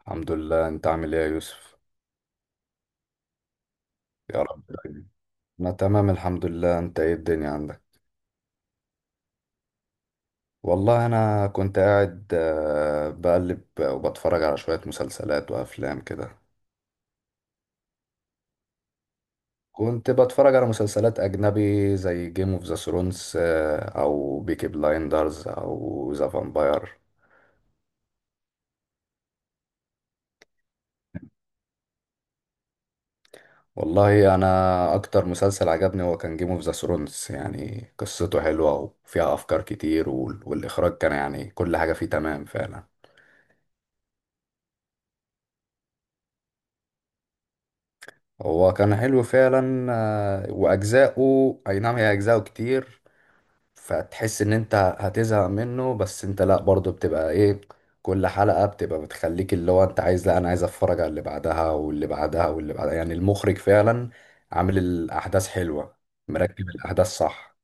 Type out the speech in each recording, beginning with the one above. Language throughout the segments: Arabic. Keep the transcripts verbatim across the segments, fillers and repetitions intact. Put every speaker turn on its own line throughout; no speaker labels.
الحمد لله، انت عامل ايه يا يوسف؟ يا رب دايما. انا تمام الحمد لله. انت ايه الدنيا عندك؟ والله انا كنت قاعد، آه، بقلب وبتفرج على شوية مسلسلات وافلام كده. كنت بتفرج على مسلسلات اجنبي زي جيم اوف ذا ثرونز او بيكي بلايندرز او ذا فامباير. والله انا اكتر مسلسل عجبني هو كان جيم اوف ذا ثرونز، يعني قصته حلوة وفيها افكار كتير، وال- والاخراج كان يعني كل حاجة فيه تمام فعلا. هو كان حلو فعلا آه، واجزاؤه اي نعم، هي اجزاؤه كتير. فتحس ان انت هتزهق منه، بس انت لا، برضه بتبقى ايه، كل حلقة بتبقى بتخليك اللي هو انت عايز، لا انا عايز اتفرج على اللي بعدها واللي بعدها واللي بعدها. يعني المخرج فعلا عامل الاحداث حلوة، مركب الاحداث، صح.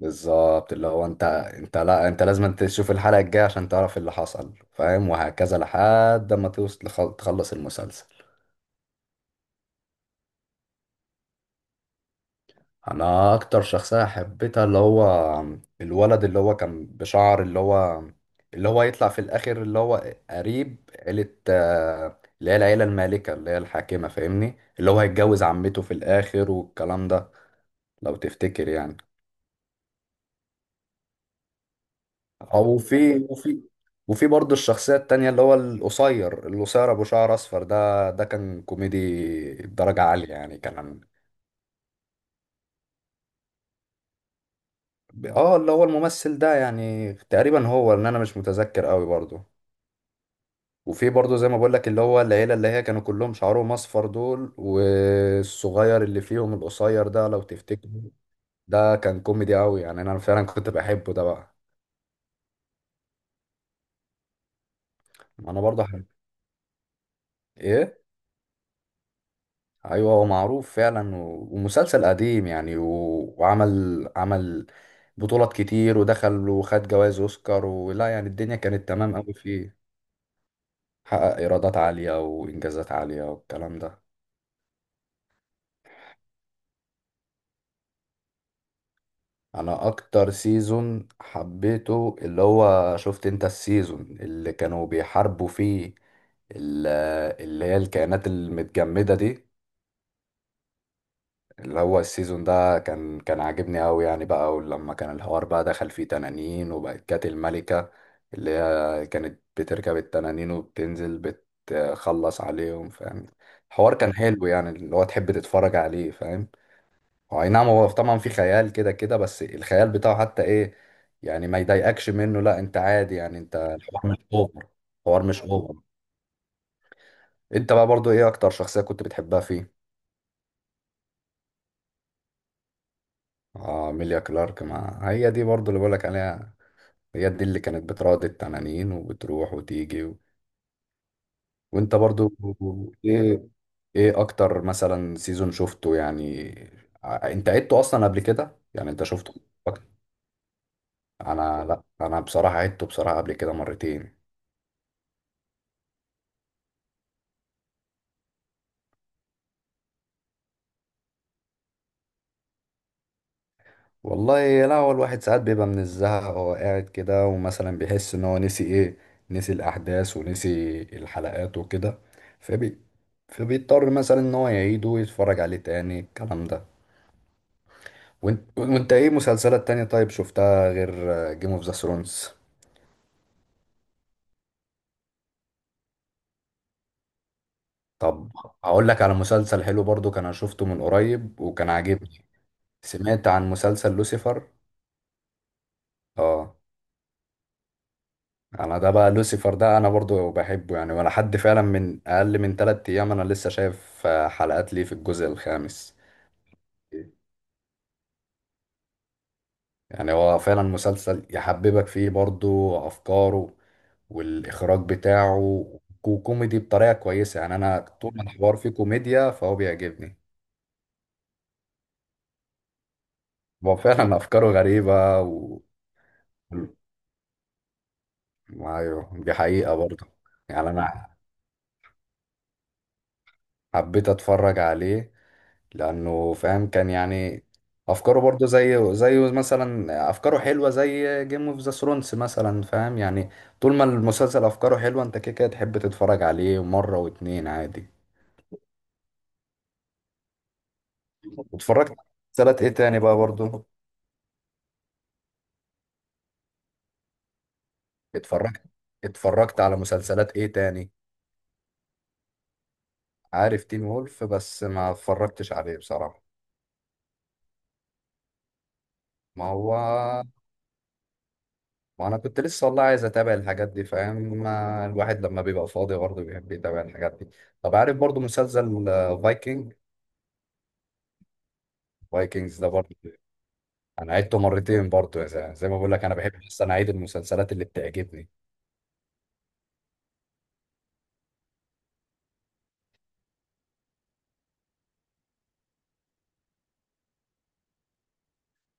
بالظبط، اللي هو انت انت لا انت لازم انت تشوف الحلقة الجاية عشان تعرف اللي حصل فاهم، وهكذا لحد ما توصل تخلص المسلسل. انا اكتر شخصيه حبيتها اللي هو الولد اللي هو كان بشعر، اللي هو اللي هو يطلع في الاخر، اللي هو قريب عيله آه، اللي هي العيله المالكه اللي هي الحاكمه فاهمني، اللي هو هيتجوز عمته في الاخر والكلام ده، لو تفتكر يعني. او في وفي وفي برضه الشخصيه التانية اللي هو القصير القصير ابو شعر اصفر ده ده كان كوميدي درجه عاليه يعني، كان اه اللي هو الممثل ده يعني تقريبا، هو ان انا مش متذكر قوي برضه. وفي برضه زي ما بقول لك اللي هو العيله اللي هي كانوا كلهم شعرهم اصفر دول، والصغير اللي فيهم القصير ده لو تفتكر، ده كان كوميدي قوي يعني، انا فعلا كنت بحبه ده بقى. انا برضه حب... ايه. ايوه هو معروف فعلا، و... ومسلسل قديم يعني، و... وعمل عمل بطولات كتير ودخل وخد جوائز اوسكار ولا، يعني الدنيا كانت تمام قوي فيه، حقق ايرادات عاليه وانجازات عاليه والكلام ده. انا اكتر سيزون حبيته اللي هو، شفت انت السيزون اللي كانوا بيحاربوا فيه، ال- اللي هي الكائنات المتجمدة دي، اللي هو السيزون ده كان كان عاجبني قوي يعني بقى، ولما كان الحوار بقى دخل فيه تنانين، وبقت كانت الملكة اللي هي كانت بتركب التنانين وبتنزل بتخلص عليهم فاهم. الحوار كان حلو يعني، اللي هو تحب تتفرج عليه فاهم. هو اي نعم، هو طبعا في خيال كده كده، بس الخيال بتاعه حتى ايه يعني ما يضايقكش منه، لا انت عادي يعني، انت الحوار مش اوفر، الحوار مش اوفر. انت بقى برضو ايه اكتر شخصية كنت بتحبها فيه؟ اه ميليا كلارك، ما هي دي برضو اللي بقولك عليها، هي دي اللي كانت بتراضي التنانين وبتروح وتيجي و... وانت برضو، ايه ايه اكتر مثلا سيزون شفته يعني، ع- انت عدته اصلا قبل كده، يعني انت شفته أكتر؟ انا، لا انا بصراحة عدته بصراحة قبل كده مرتين. والله لا، هو الواحد ساعات بيبقى من الزهق هو قاعد كده، ومثلا بيحس ان هو نسي ايه، نسي الاحداث ونسي الحلقات وكده، فبي فبيضطر مثلا ان هو يعيده ويتفرج عليه تاني الكلام ده. وانت, وانت ايه مسلسلات تانية طيب شفتها غير جيم اوف ذا ثرونز؟ طب اقول لك على مسلسل حلو برضو كان، أنا شفته من قريب وكان عاجبني. سمعت عن مسلسل لوسيفر؟ اه، انا ده بقى لوسيفر، ده انا برضو بحبه يعني، ولا حد فعلا من اقل من تلات ايام انا لسه شايف آه، حلقات ليه في الجزء الخامس. يعني هو فعلا مسلسل يحببك فيه برضو افكاره والاخراج بتاعه، وكوميدي بطريقة كويسة، يعني انا طول ما الحوار فيه كوميديا فهو بيعجبني. هو فعلا افكاره غريبة و ايوه، دي حقيقة برضو. يعني انا حبيت اتفرج عليه لانه فاهم كان يعني افكاره برضه زي زي مثلا افكاره حلوه زي جيم اوف ذا ثرونز مثلا فاهم يعني. طول ما المسلسل افكاره حلوه، انت كده كده تحب تتفرج عليه مره واتنين عادي. واتفرجت على مسلسلات ايه تاني بقى برضه، اتفرجت اتفرجت على مسلسلات ايه تاني؟ عارف تين وولف، بس ما اتفرجتش عليه بصراحه. ما هو، ما انا كنت لسه والله عايز اتابع الحاجات دي فاهم، ما الواحد لما بيبقى فاضي برضه بيحب يتابع الحاجات دي. طب عارف برضه مسلسل فايكنج؟ فايكنجز ده برضه انا عدته مرتين برضه يا زلمه، زي ما بقول لك انا بحب اصلا اعيد المسلسلات اللي بتعجبني.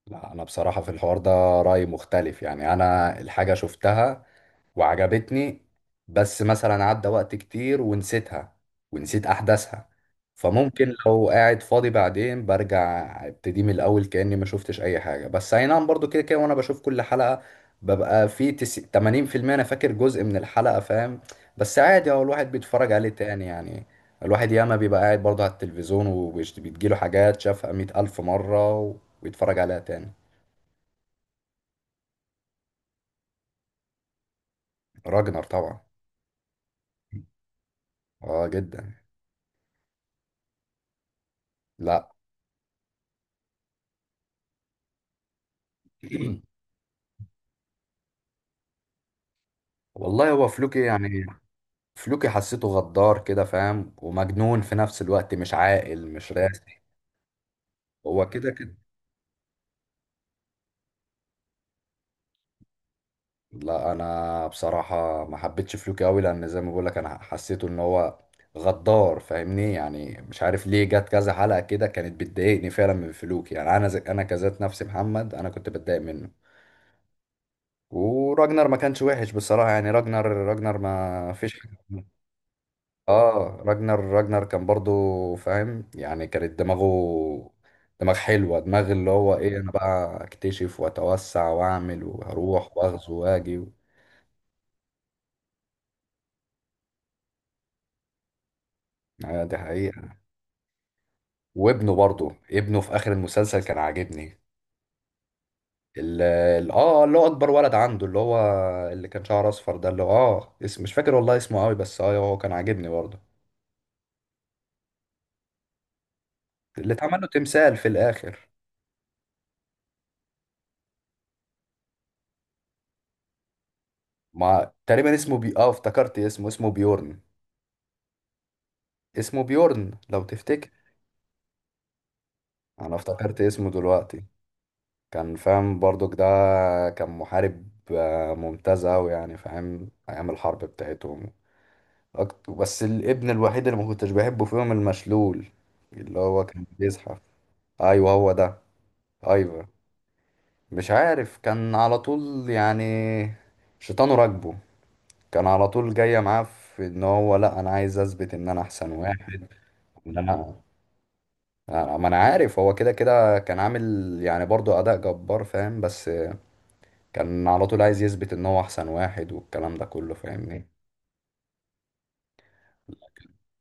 لا انا بصراحه في الحوار ده رايي مختلف يعني، انا الحاجه شفتها وعجبتني، بس مثلا عدى وقت كتير ونسيتها ونسيت أحداثها، فممكن لو قاعد فاضي بعدين برجع ابتدي من الأول كأني ما شفتش أي حاجة. بس أي نعم، برضو كده كده، وأنا بشوف كل حلقة ببقى في تس... ثمانين في المية أنا فاكر جزء من الحلقة فاهم. بس عادي هو الواحد بيتفرج عليه تاني يعني، الواحد ياما بيبقى قاعد برضه على التلفزيون وبيجيله حاجات شافها مئة ألف مرة، ويتفرج عليها تاني. راجنر طبعا. اه جدا. لا. والله هو فلوكي يعني، فلوكي حسيته غدار كده فاهم، ومجنون في نفس الوقت، مش عاقل مش راسي. هو كده كده. لا انا بصراحة ما حبيتش فلوكي قوي، لان زي ما بقول لك انا حسيته ان هو غدار فاهمني، يعني مش عارف ليه، جت كذا حلقة كده كانت بتضايقني فعلا من فلوكي يعني، انا زي انا كذات نفسي محمد انا كنت بتضايق منه. وراجنر ما كانش وحش بصراحة يعني، راجنر راجنر ما فيش حاجة. اه راجنر راجنر كان برضو فاهم يعني، كانت دماغه، دماغ حلوة، دماغ اللي هو ايه، انا بقى اكتشف واتوسع واعمل وهروح واغزو واجي و... آه، دي حقيقة. وابنه برضو، ابنه في اخر المسلسل كان عاجبني، ال- ال- اه اللي هو اكبر ولد عنده، اللي هو اللي كان شعره اصفر ده، اللي هو اه اسم مش فاكر والله اسمه قوي بس، اه هو كان عاجبني برضو، اللي اتعمل له تمثال في الاخر. ما تقريبا اسمه بي اه افتكرت اسمه اسمه بيورن، اسمه بيورن لو تفتكر. انا افتكرت اسمه دلوقتي، كان فاهم برضك ده، كان محارب آه، ممتاز اوي يعني فاهم، ايام الحرب بتاعتهم. أكت- بس الابن الوحيد اللي ما كنتش بحبه فيهم المشلول، اللي هو كان بيزحف. ايوه هو ده. ايوه، مش عارف، كان على طول يعني شيطانه راكبه، كان على طول جايه معاه في ان هو لا انا عايز اثبت ان انا احسن واحد، وان انا أنا- ما انا عارف، هو كده كده كان عامل يعني برضو اداء جبار فاهم، بس كان على طول عايز يثبت ان هو احسن واحد والكلام ده كله فاهمني.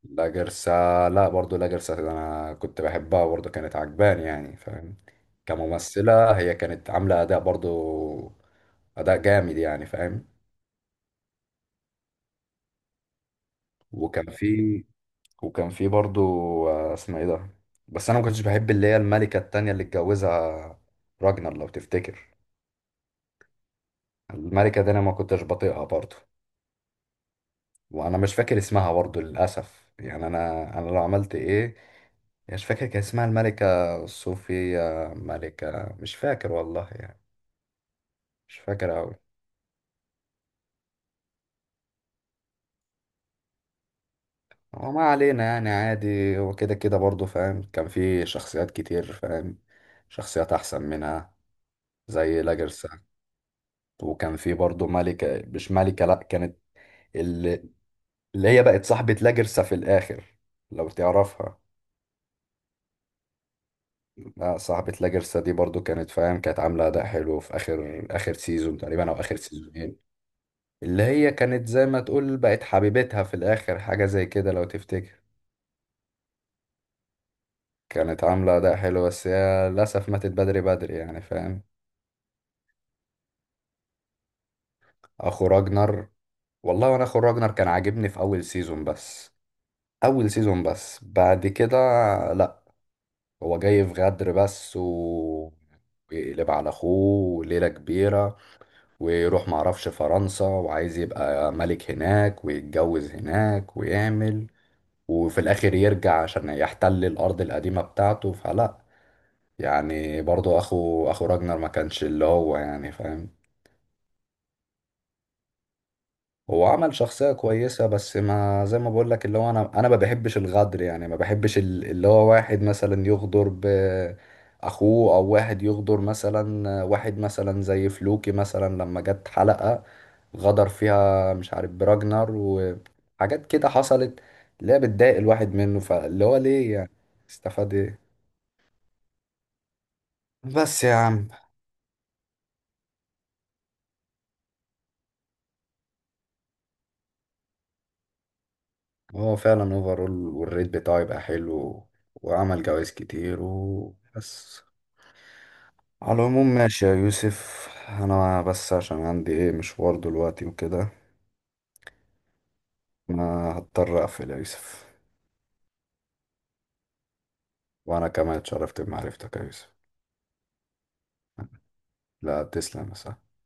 لا جرسة، لا برضو لا جرسة ده انا كنت بحبها برضو، كانت عجباني يعني فاهم، كممثلة هي كانت عاملة اداء برضو، اداء جامد يعني فاهم. وكان في وكان في برضو آه، اسمها ايه ده، بس انا ما كنتش بحب اللي هي الملكة التانية اللي اتجوزها راجنر لو تفتكر، الملكة دي انا ما كنتش بطيقها برضو. وانا مش فاكر اسمها برضو للاسف يعني، انا انا لو عملت ايه، مش فاكر، كان اسمها الملكة صوفيا ملكة، مش فاكر والله يعني، مش فاكر أوي. هو ما علينا يعني عادي، هو كده كده برضه فاهم، كان في شخصيات كتير فاهم، شخصيات أحسن منها زي لاجرسا. وكان في برضه ملكة مش ملكة لأ، كانت اللي, اللي هي بقت صاحبة لاجرسا في الآخر لو تعرفها. لا، صاحبة لاجرسا دي برضه كانت فاهم، كانت عاملة أداء حلو في آخر آخر سيزون تقريبا أو آخر سيزونين، اللي هي كانت زي ما تقول بقت حبيبتها في الآخر، حاجة زي كده لو تفتكر. كانت عاملة أداء حلو، بس هي للأسف ماتت بدري بدري يعني فاهم. أخو راجنر، والله وأنا أخو راجنر كان عاجبني في أول سيزون بس، أول سيزون بس بعد كده لأ. هو جاي في غدر بس، و ويقلب على أخوه ليلة كبيرة، ويروح معرفش فرنسا وعايز يبقى ملك هناك ويتجوز هناك ويعمل، وفي الاخر يرجع عشان يحتل الارض القديمة بتاعته، فلا. يعني برضو اخو اخو راجنر ما كانش اللي هو يعني فاهم. هو عمل شخصية كويسة، بس ما زي ما بقول لك اللي هو، انا انا ما بحبش الغدر يعني، ما بحبش ال- اللي هو واحد مثلا يغدر ب اخوه، او واحد يغدر مثلا واحد مثلا زي فلوكي مثلا، لما جت حلقة غدر فيها مش عارف براجنر وحاجات كده حصلت، اللي هي بتضايق الواحد منه، فاللي هو ليه يعني استفاد ايه. بس يا عم، هو فعلا اوفرول والريت بتاعه يبقى حلو، وعمل جوايز كتير وبس. على العموم ماشي يا يوسف، انا بس عشان عندي ايه مشوار دلوقتي وكده، انا هضطر اقفل يا يوسف. وانا كمان اتشرفت بمعرفتك يا يوسف. لا، تسلم يا صاحبي.